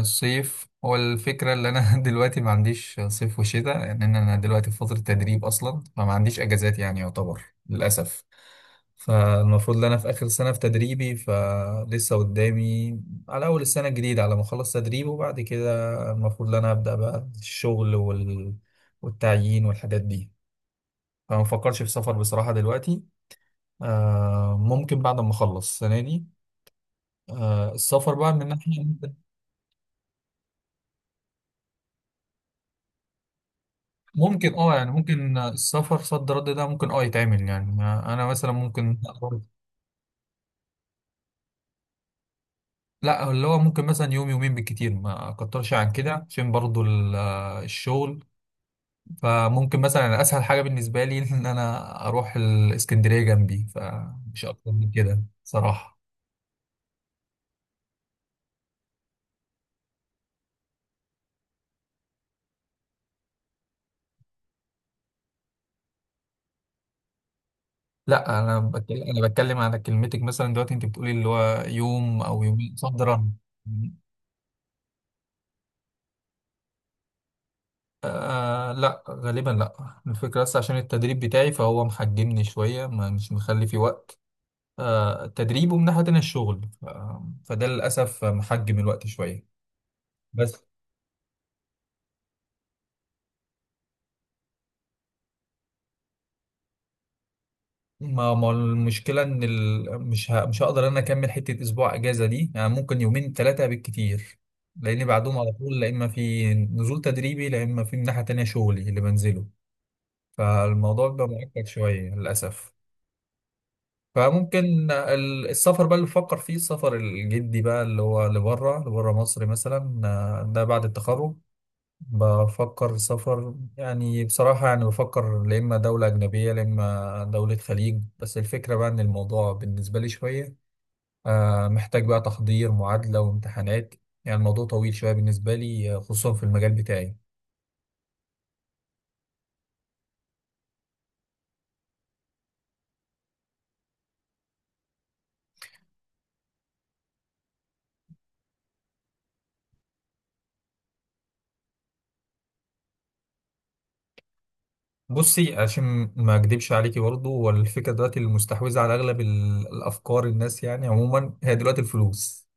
الصيف هو الفكرة اللي أنا دلوقتي ما عنديش صيف وشتاء، لأن أنا دلوقتي في فترة تدريب أصلا، فما عنديش أجازات يعني يعتبر، للأسف. فالمفروض إن أنا في آخر سنة في تدريبي، فلسه قدامي على أول السنة الجديدة على ما أخلص تدريب، وبعد كده المفروض إن أنا أبدأ بقى الشغل والتعيين والحاجات دي. فما بفكرش في سفر بصراحة دلوقتي. ممكن بعد ما أخلص السنة دي. السفر بقى من ناحية. ممكن يعني ممكن السفر صد رد ده ممكن يتعمل، يعني انا مثلا ممكن. لا، اللي هو ممكن مثلا يوم يومين بالكتير، ما اكترش عن كده، عشان برضو الشغل. فممكن مثلا أنا اسهل حاجة بالنسبة لي ان انا اروح الاسكندرية جنبي، فمش اكتر من كده صراحة. لا انا بتكلم انا بتكلم على كلمتك مثلا دلوقتي، انت بتقولي اللي هو يوم او يومين صد رد. آه لا، غالبا لا، الفكرة بس عشان التدريب بتاعي، فهو محجمني شوية، مش مخلي في وقت. التدريب، ومن ناحية تانية الشغل، فده للأسف محجم الوقت شوية. بس ما المشكلة إن ال... مش ه... مش هقدر أنا أكمل حتة أسبوع أجازة دي، يعني ممكن يومين ثلاثة بالكتير، لأن بعدهم على طول لا إما في نزول تدريبي، لا إما في من ناحية تانية شغلي اللي بنزله، فالموضوع بيبقى معقد شوية للأسف. فممكن السفر بقى اللي بفكر فيه، السفر الجدي بقى اللي هو لبره لبره مصر مثلا، ده بعد التخرج. بفكر سفر يعني، بصراحة يعني بفكر لا إما دولة أجنبية لا إما دولة خليج، بس الفكرة بقى إن الموضوع بالنسبة لي شوية محتاج بقى تحضير معادلة وامتحانات، يعني الموضوع طويل شوية بالنسبة لي، خصوصا في المجال بتاعي. بصي، عشان ما اكدبش عليكي برضه، والفكره دلوقتي المستحوذه على اغلب الافكار الناس يعني عموما، هي دلوقتي الفلوس.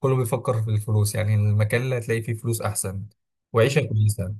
كله بيفكر في الفلوس، يعني المكان اللي هتلاقي فيه فلوس احسن وعيشه كويسه.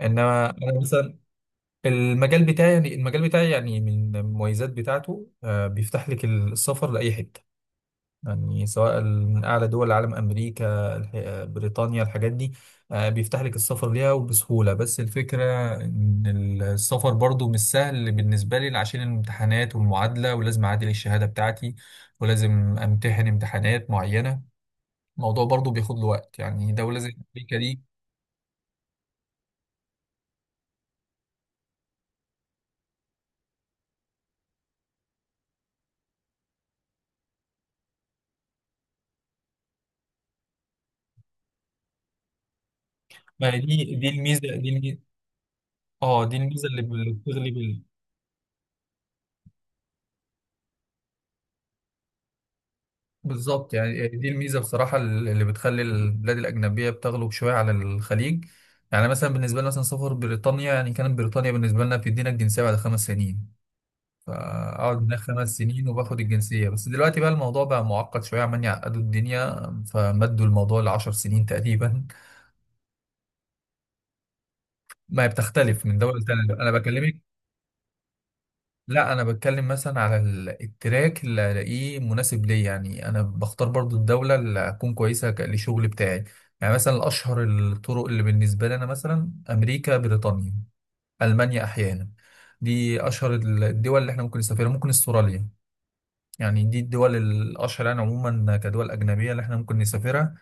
انما انا مثلا المجال بتاعي، يعني المجال بتاعي يعني، من المميزات بتاعته بيفتح لك السفر لاي حته، يعني سواء من اعلى دول العالم، امريكا بريطانيا الحاجات دي، بيفتح لك السفر ليها وبسهوله، بس الفكره ان السفر برضو مش سهل بالنسبه لي، عشان الامتحانات والمعادله، ولازم اعادل الشهاده بتاعتي، ولازم امتحن امتحانات معينه، الموضوع برضو بياخد له وقت، يعني دولة زي أمريكا دي. ما هي دي الميزة، دي الميزة، اه دي الميزة اللي بتغلب بالظبط، يعني دي الميزة بصراحة اللي بتخلي البلاد الأجنبية بتغلب شوية على الخليج. يعني مثلا بالنسبة لنا مثلا، سفر بريطانيا يعني، كانت بريطانيا بالنسبة لنا بتدينا الجنسية بعد 5 سنين، فأقعد هناك 5 سنين وباخد الجنسية، بس دلوقتي بقى الموضوع بقى معقد شوية، عمال يعقدوا الدنيا، فمدوا الموضوع لعشر سنين تقريبا. ما هي بتختلف من دولة لتانية، أنا بكلمك. لا، انا بتكلم مثلا على التراك اللي الاقيه مناسب ليا، يعني انا بختار برضو الدوله اللي اكون كويسه للشغل بتاعي، يعني مثلا اشهر الطرق اللي بالنسبه لي انا، مثلا امريكا، بريطانيا، المانيا احيانا، دي اشهر الدول اللي احنا ممكن نسافرها، ممكن استراليا، يعني دي الدول الاشهر يعني عموما كدول اجنبيه اللي احنا ممكن نسافرها.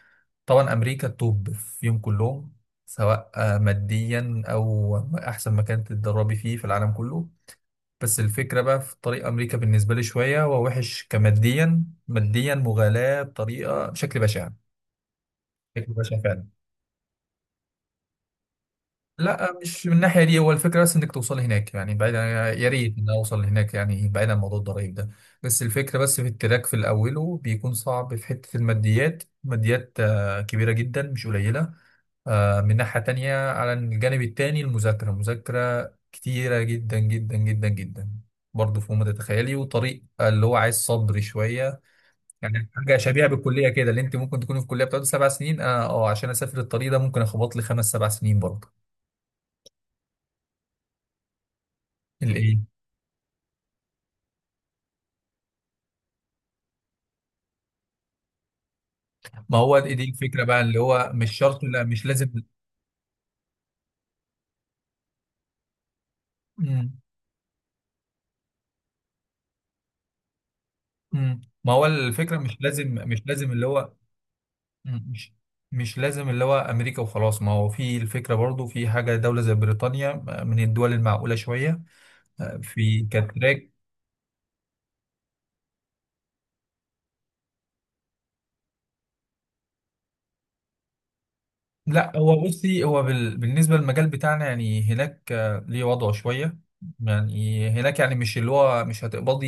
طبعا امريكا التوب فيهم كلهم، سواء ماديا او احسن مكان تتدربي فيه في العالم كله. بس الفكرة بقى في طريق أمريكا بالنسبة لي شوية هو وحش، كماديا، ماديا مغالاة بطريقة، بشكل بشع، بشكل بشع فعلا. لا، مش من الناحية دي، هو الفكرة بس إنك توصل هناك يعني، بعيدا، يا ريت إن أوصل هناك يعني، بعيدا عن موضوع الضرايب ده. بس الفكرة بس في التراك في الأول، وبيكون صعب في حتة الماديات، ماديات كبيرة جدا مش قليلة، من ناحية تانية على الجانب التاني المذاكرة، مذاكرة كتيرة جدا جدا جدا جدا، برضه فوق ما تتخيلي، وطريق اللي هو عايز صبر شوية. يعني حاجة شبيهة بالكلية كده، اللي انت ممكن تكوني في الكلية بتقعد 7 سنين، اه عشان اسافر الطريق ده ممكن اخبط لي خمس سبع سنين برضه. الايه؟ ما هو دي الفكرة بقى اللي هو مش شرط، لا مش لازم. مم. ما هو الفكرة مش لازم، مش لازم اللي هو مش مش لازم اللي هو امريكا وخلاص، ما هو في الفكره برضو في حاجه، دوله زي بريطانيا من الدول المعقوله شويه، في كتراك. لا، هو بصي، هو بالنسبة للمجال بتاعنا، يعني هناك ليه وضعه شوية، يعني هناك يعني، مش اللي هو مش هتقبضي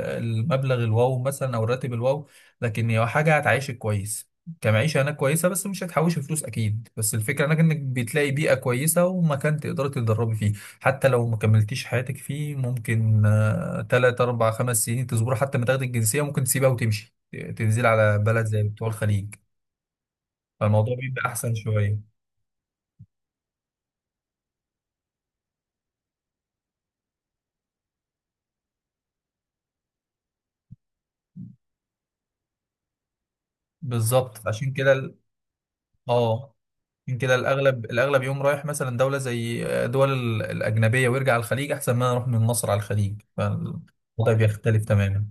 المبلغ الواو مثلا، أو الراتب الواو، لكن هي حاجة هتعيشك كويس كمعيشة، هناك كويسة بس مش هتحوشي فلوس أكيد، بس الفكرة هناك إنك بتلاقي بيئة كويسة ومكان تقدري تتدربي فيه، حتى لو ما كملتيش حياتك فيه، ممكن تلات أربع خمس سنين تصبري حتى ما تاخدي الجنسية، ممكن تسيبها وتمشي، تنزلي على بلد زي بتوع الخليج، فالموضوع بيبقى أحسن شوية. بالظبط، فعشان كده اه عشان كده الاغلب الاغلب يقوم رايح مثلا دوله زي دول الاجنبيه ويرجع على الخليج، احسن ما نروح من مصر على الخليج، فالوضع بيختلف تماما.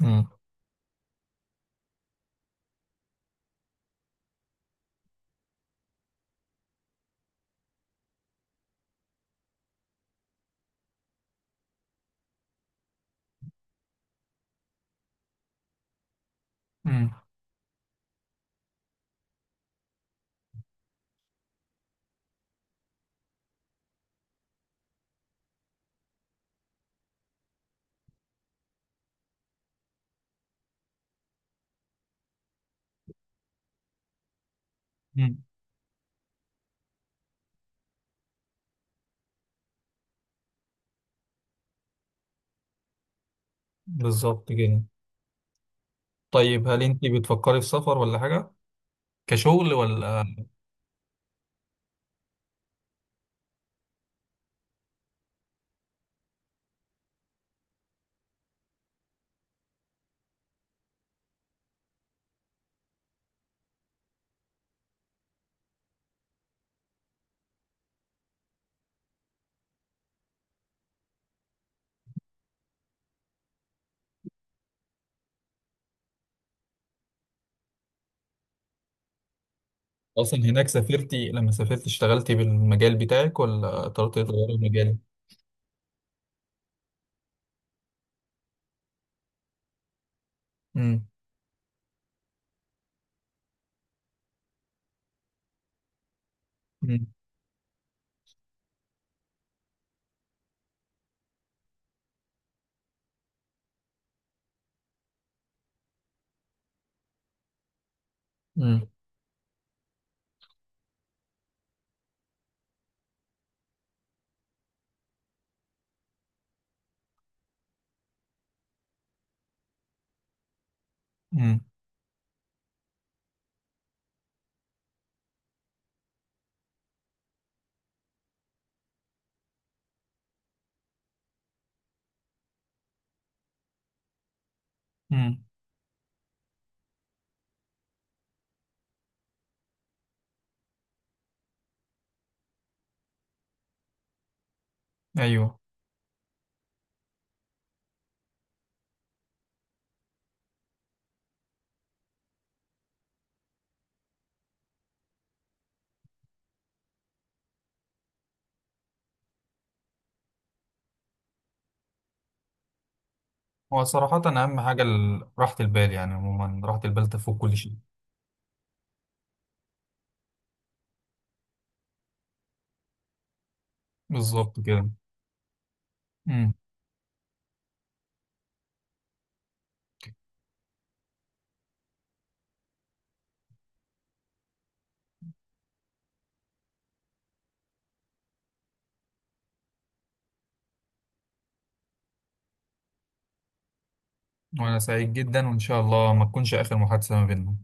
امم، امم، أمم. بالظبط كده. طيب، هل انت بتفكري في سفر ولا حاجه، كشغل، ولا اصلا هناك سافرتي لما سافرتي اشتغلتي بالمجال بتاعك ولا اضطريتي تغيري المجال؟ امم، امم، امم، امم، أمم. ايوه. هو صراحة أهم حاجة راحة البال، يعني عموما راحة البال تفوق كل شيء. بالظبط كده. امم. وأنا سعيد جدا، وإن شاء الله ما تكونش آخر محادثة ما بيننا.